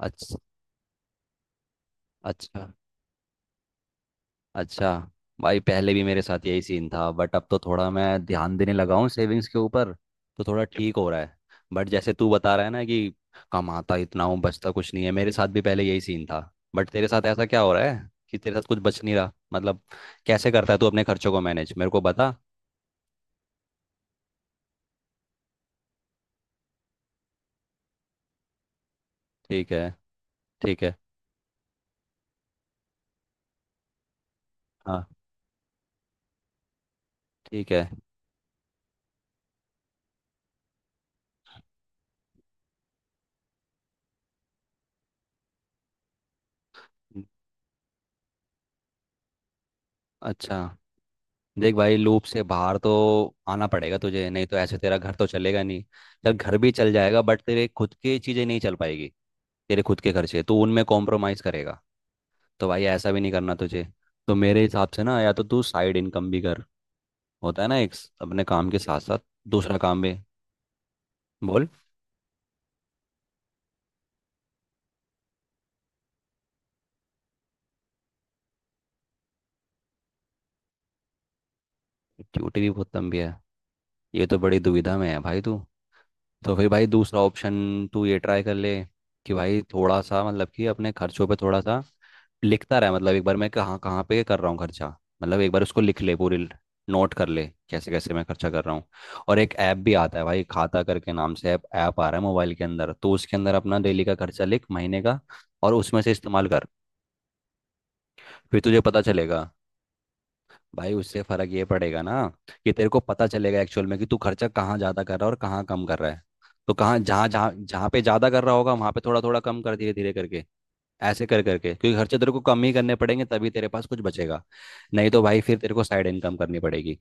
अच्छा। अच्छा। अच्छा। भाई पहले भी मेरे साथ यही सीन था, बट अब तो थोड़ा मैं ध्यान देने लगा हूँ सेविंग्स के ऊपर। तो थोड़ा ठीक हो रहा है। बट जैसे तू बता रहा है ना कि कमाता इतना हूँ, बचता कुछ नहीं है, मेरे साथ भी पहले यही सीन था। बट तेरे साथ ऐसा क्या हो रहा है कि तेरे साथ कुछ बच नहीं रहा, मतलब कैसे करता है तू अपने खर्चों को मैनेज, मेरे को बता। ठीक है। ठीक है। हाँ। ठीक है। अच्छा। देख भाई, लूप से बाहर तो आना पड़ेगा तुझे, नहीं तो ऐसे तेरा घर तो चलेगा नहीं। चल, घर भी चल जाएगा, बट तेरे खुद की चीज़ें नहीं चल पाएगी। तेरे खुद के खर्चे तो उनमें कॉम्प्रोमाइज़ करेगा, तो भाई ऐसा भी नहीं करना तुझे। तो मेरे हिसाब से ना, या तो तू साइड इनकम भी कर, होता है ना, 1 अपने काम के साथ साथ दूसरा काम भी। बोल। ड्यूटी भी बहुत लंबी है। ये तो बड़ी दुविधा में है भाई तू। तो फिर भाई, दूसरा ऑप्शन तू ये ट्राई कर ले, कि भाई थोड़ा सा मतलब कि अपने खर्चों पे थोड़ा सा लिखता रहे, मतलब एक बार मैं कहाँ कहाँ पे कर रहा हूँ खर्चा, मतलब एक बार उसको लिख ले पूरी, नोट कर ले कैसे कैसे मैं खर्चा कर रहा हूँ। और एक ऐप भी आता है भाई, खाता करके नाम से ऐप, ऐप आ रहा है मोबाइल के अंदर, तो उसके अंदर अपना डेली का खर्चा लिख, महीने का, और उसमें से इस्तेमाल कर। फिर तुझे पता चलेगा। भाई उससे फर्क ये पड़ेगा ना, कि तेरे को पता चलेगा एक्चुअल में कि तू खर्चा कहाँ ज्यादा कर रहा है और कहाँ कम कर रहा है। तो कहाँ, जहाँ जहाँ जहाँ पे ज्यादा कर रहा होगा वहां पे थोड़ा थोड़ा कम कर, धीरे धीरे करके, ऐसे कर करके, क्योंकि खर्चे तेरे को कम ही करने पड़ेंगे, तभी तेरे पास कुछ बचेगा। नहीं तो भाई फिर तेरे को साइड इनकम करनी पड़ेगी।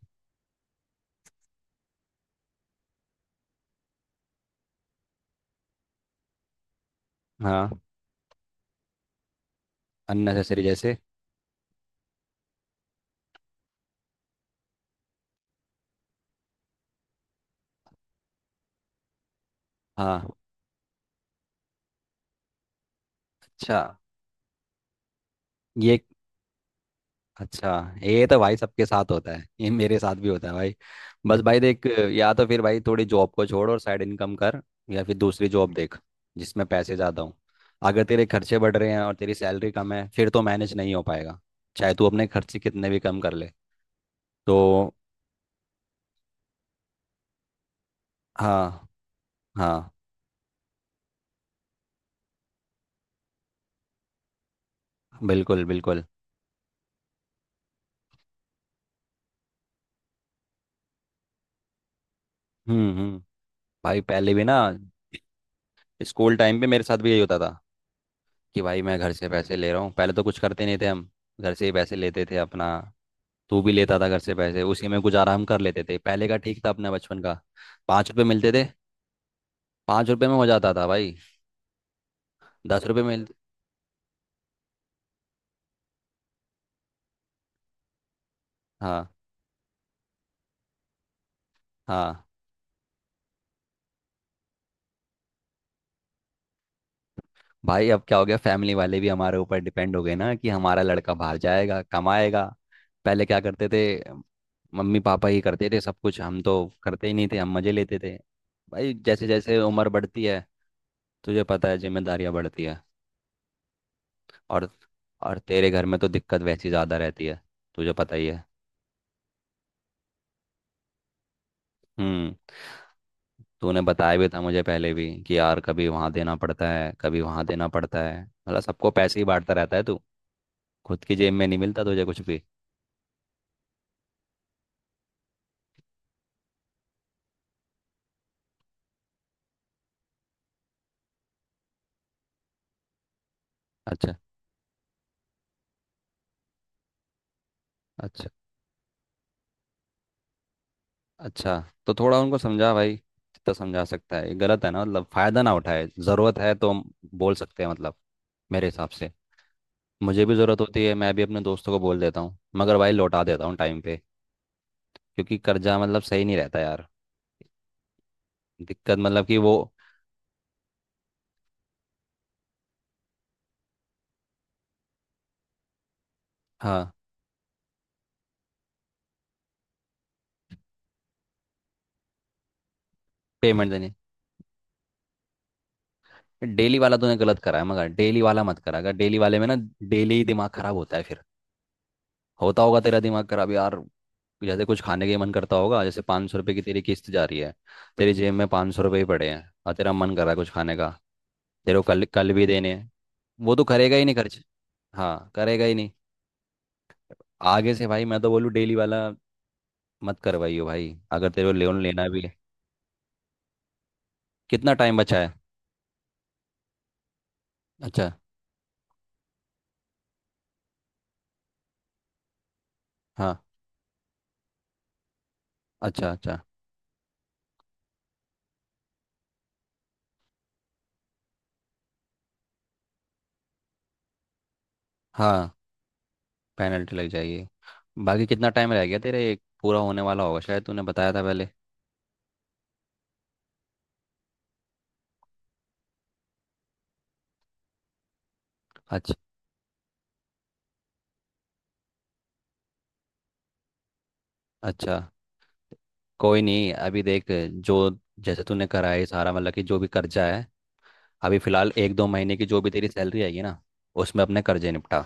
हाँ। अननेसेसरी जैसे? हाँ। अच्छा। ये। अच्छा। ये तो भाई सबके साथ होता है, ये मेरे साथ भी होता है भाई। बस भाई देख, या तो फिर भाई थोड़ी जॉब को छोड़ और साइड इनकम कर, या फिर दूसरी जॉब देख, जिसमें पैसे ज़्यादा हों। अगर तेरे खर्चे बढ़ रहे हैं और तेरी सैलरी कम है, फिर तो मैनेज नहीं हो पाएगा, चाहे तू अपने खर्चे कितने भी कम कर ले। तो हाँ। हाँ। बिल्कुल बिल्कुल। हम्म। भाई पहले भी ना, स्कूल टाइम पे मेरे साथ भी यही होता था, कि भाई मैं घर से पैसे ले रहा हूँ, पहले तो कुछ करते नहीं थे हम, घर से ही पैसे लेते थे अपना। तू भी लेता था घर से पैसे, उसी में गुजारा हम कर लेते थे, पहले का ठीक था अपने बचपन का। 5 रुपए मिलते थे। 5 रुपए में हो जाता था भाई। 10 रुपए मिलते। हाँ। हाँ, भाई अब क्या हो गया, फैमिली वाले भी हमारे ऊपर डिपेंड हो गए ना, कि हमारा लड़का बाहर जाएगा कमाएगा। पहले क्या करते थे, मम्मी पापा ही करते थे सब कुछ, हम तो करते ही नहीं थे, हम मजे लेते थे। भाई जैसे जैसे उम्र बढ़ती है, तुझे पता है, जिम्मेदारियां बढ़ती है। और और तेरे घर में तो दिक्कत वैसी ज़्यादा रहती है, तुझे पता ही है। हम्म। तूने बताया भी था मुझे पहले भी कि यार कभी वहाँ देना पड़ता है, कभी वहाँ देना पड़ता है, मतलब सबको पैसे ही बांटता रहता है तू, खुद की जेब में नहीं मिलता तुझे कुछ भी। अच्छा। अच्छा। अच्छा, तो थोड़ा उनको समझा भाई, जितना समझा सकता है, ये गलत है ना, मतलब फ़ायदा ना उठाए, ज़रूरत है तो हम बोल सकते हैं, मतलब मेरे हिसाब से मुझे भी ज़रूरत होती है, मैं भी अपने दोस्तों को बोल देता हूँ, मगर भाई लौटा देता हूँ टाइम पे, क्योंकि कर्जा मतलब सही नहीं रहता यार, दिक्कत मतलब कि वो। हाँ। पेमेंट देनी। डेली वाला तूने गलत करा है, मगर डेली वाला मत करा। अगर डेली वाले में ना, डेली ही दिमाग खराब होता है फिर, होता होगा तेरा दिमाग खराब यार। जैसे कुछ खाने का मन करता होगा, जैसे 500 रुपये की तेरी किस्त जा रही है, तेरी जेब में 500 रुपये ही पड़े हैं और तेरा मन कर रहा है कुछ खाने का, तेरे को कल कल भी देने हैं, वो तो करेगा ही नहीं खर्च। हाँ करेगा ही नहीं। आगे से भाई मैं तो बोलूँ, डेली वाला मत करवाइयो भाई, अगर तेरे को लोन लेना भी है। कितना टाइम बचा है? अच्छा। हाँ। अच्छा। अच्छा। हाँ। पेनल्टी लग जाएगी। बाकी कितना टाइम रह गया तेरे, एक पूरा होने वाला होगा शायद, तूने बताया था पहले। अच्छा। अच्छा। कोई नहीं, अभी देख, जो, जैसे तूने करा है सारा, मतलब कि जो भी कर्जा है, अभी फिलहाल एक दो महीने की जो भी तेरी सैलरी आएगी ना, उसमें अपने कर्जे निपटा।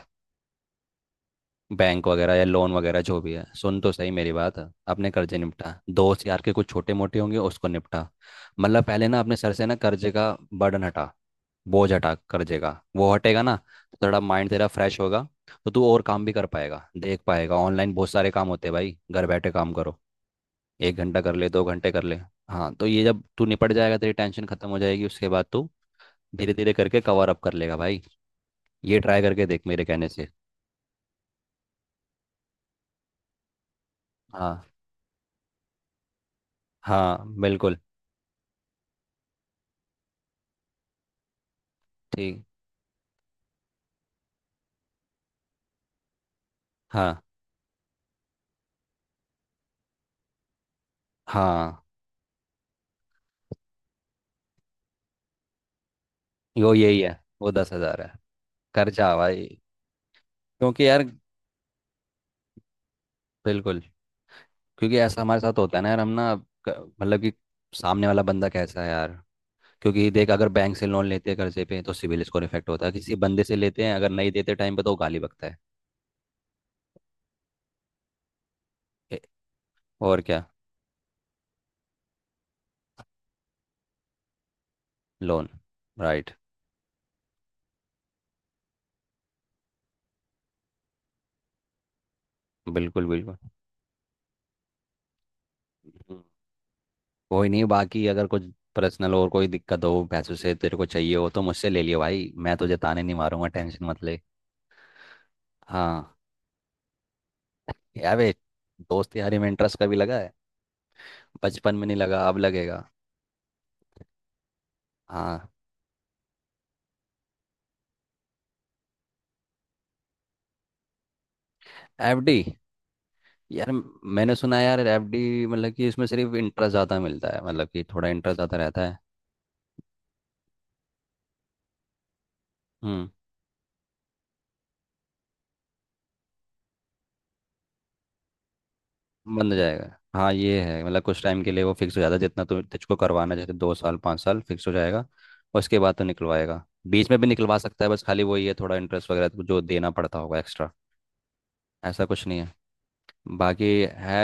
बैंक वगैरह या लोन वगैरह जो भी है, सुन तो सही मेरी बात, अपने कर्जे निपटा। दोस्त यार के कुछ छोटे मोटे होंगे, उसको निपटा। मतलब पहले ना अपने सर से ना कर्जे का बर्डन हटा, बोझ हटा, कर देगा, वो हटेगा ना तो थोड़ा माइंड तेरा फ्रेश होगा। तो तू और काम भी कर पाएगा, देख पाएगा, ऑनलाइन बहुत सारे काम होते हैं भाई, घर बैठे काम करो। 1 घंटा कर ले, 2 घंटे कर ले। हाँ, तो ये जब तू निपट जाएगा, तेरी टेंशन खत्म हो जाएगी, उसके बाद तू धीरे धीरे करके कवर अप कर लेगा भाई। ये ट्राई करके देख मेरे कहने से। हाँ। हाँ बिल्कुल। ठीक। हाँ। हाँ। यो यही है। वो 10 हजार है। खर्चा भाई। क्योंकि यार, बिल्कुल। क्योंकि ऐसा हमारे साथ होता है ना यार, हम ना मतलब कि सामने वाला बंदा कैसा है यार। क्योंकि देख, अगर बैंक से लोन लेते हैं कर्जे पे तो सिविल स्कोर इफेक्ट होता है, किसी बंदे से लेते हैं अगर नहीं देते टाइम पे तो वो गाली बकता है। ए- और क्या। लोन। राइट। बिल्कुल बिल्कुल। हम्म। कोई नहीं, बाकी अगर कुछ पर्सनल और कोई दिक्कत हो पैसों से, तेरे को चाहिए हो तो मुझसे ले लियो भाई, मैं तुझे ताने नहीं मारूंगा, टेंशन मत ले। हाँ, यार वे, दोस्त यारी में इंटरेस्ट कभी लगा है? बचपन में नहीं लगा, अब लगेगा? हाँ। एफडी। यार मैंने सुना है यार, एफडी मतलब कि इसमें सिर्फ इंटरेस्ट ज़्यादा मिलता है, मतलब कि थोड़ा इंटरेस्ट ज़्यादा रहता है। हम्म। बंद हो जाएगा, हाँ ये है, मतलब कुछ टाइम के लिए वो फिक्स हो जाता है जितना तु तुझको करवाना है, जैसे 2 साल, 5 साल फिक्स हो जाएगा और उसके बाद तो निकलवाएगा, बीच में भी निकलवा सकता है, बस खाली वही है थोड़ा इंटरेस्ट वगैरह तो जो देना पड़ता होगा एक्स्ट्रा। ऐसा कुछ नहीं है। बाकी है,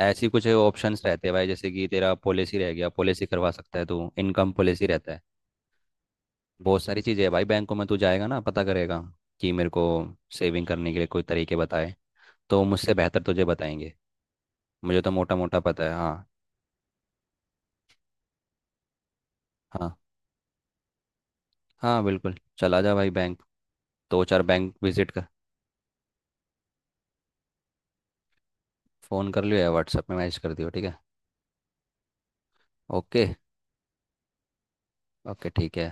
ऐसी कुछ ऑप्शंस रहते हैं भाई, जैसे कि तेरा पॉलिसी रह गया, पॉलिसी करवा सकता है तू, इनकम पॉलिसी रहता है। बहुत सारी चीज़ें है भाई, बैंकों में तू जाएगा ना, पता करेगा कि मेरे को सेविंग करने के लिए कोई तरीके बताए, तो मुझसे बेहतर तुझे बताएंगे। मुझे तो मोटा मोटा पता है। हाँ। हाँ। हाँ बिल्कुल। चला जा भाई बैंक। दो चार बैंक विजिट कर। फ़ोन कर लियो या व्हाट्सएप में मैसेज कर दियो, ठीक है? ओके। ओके। ठीक है।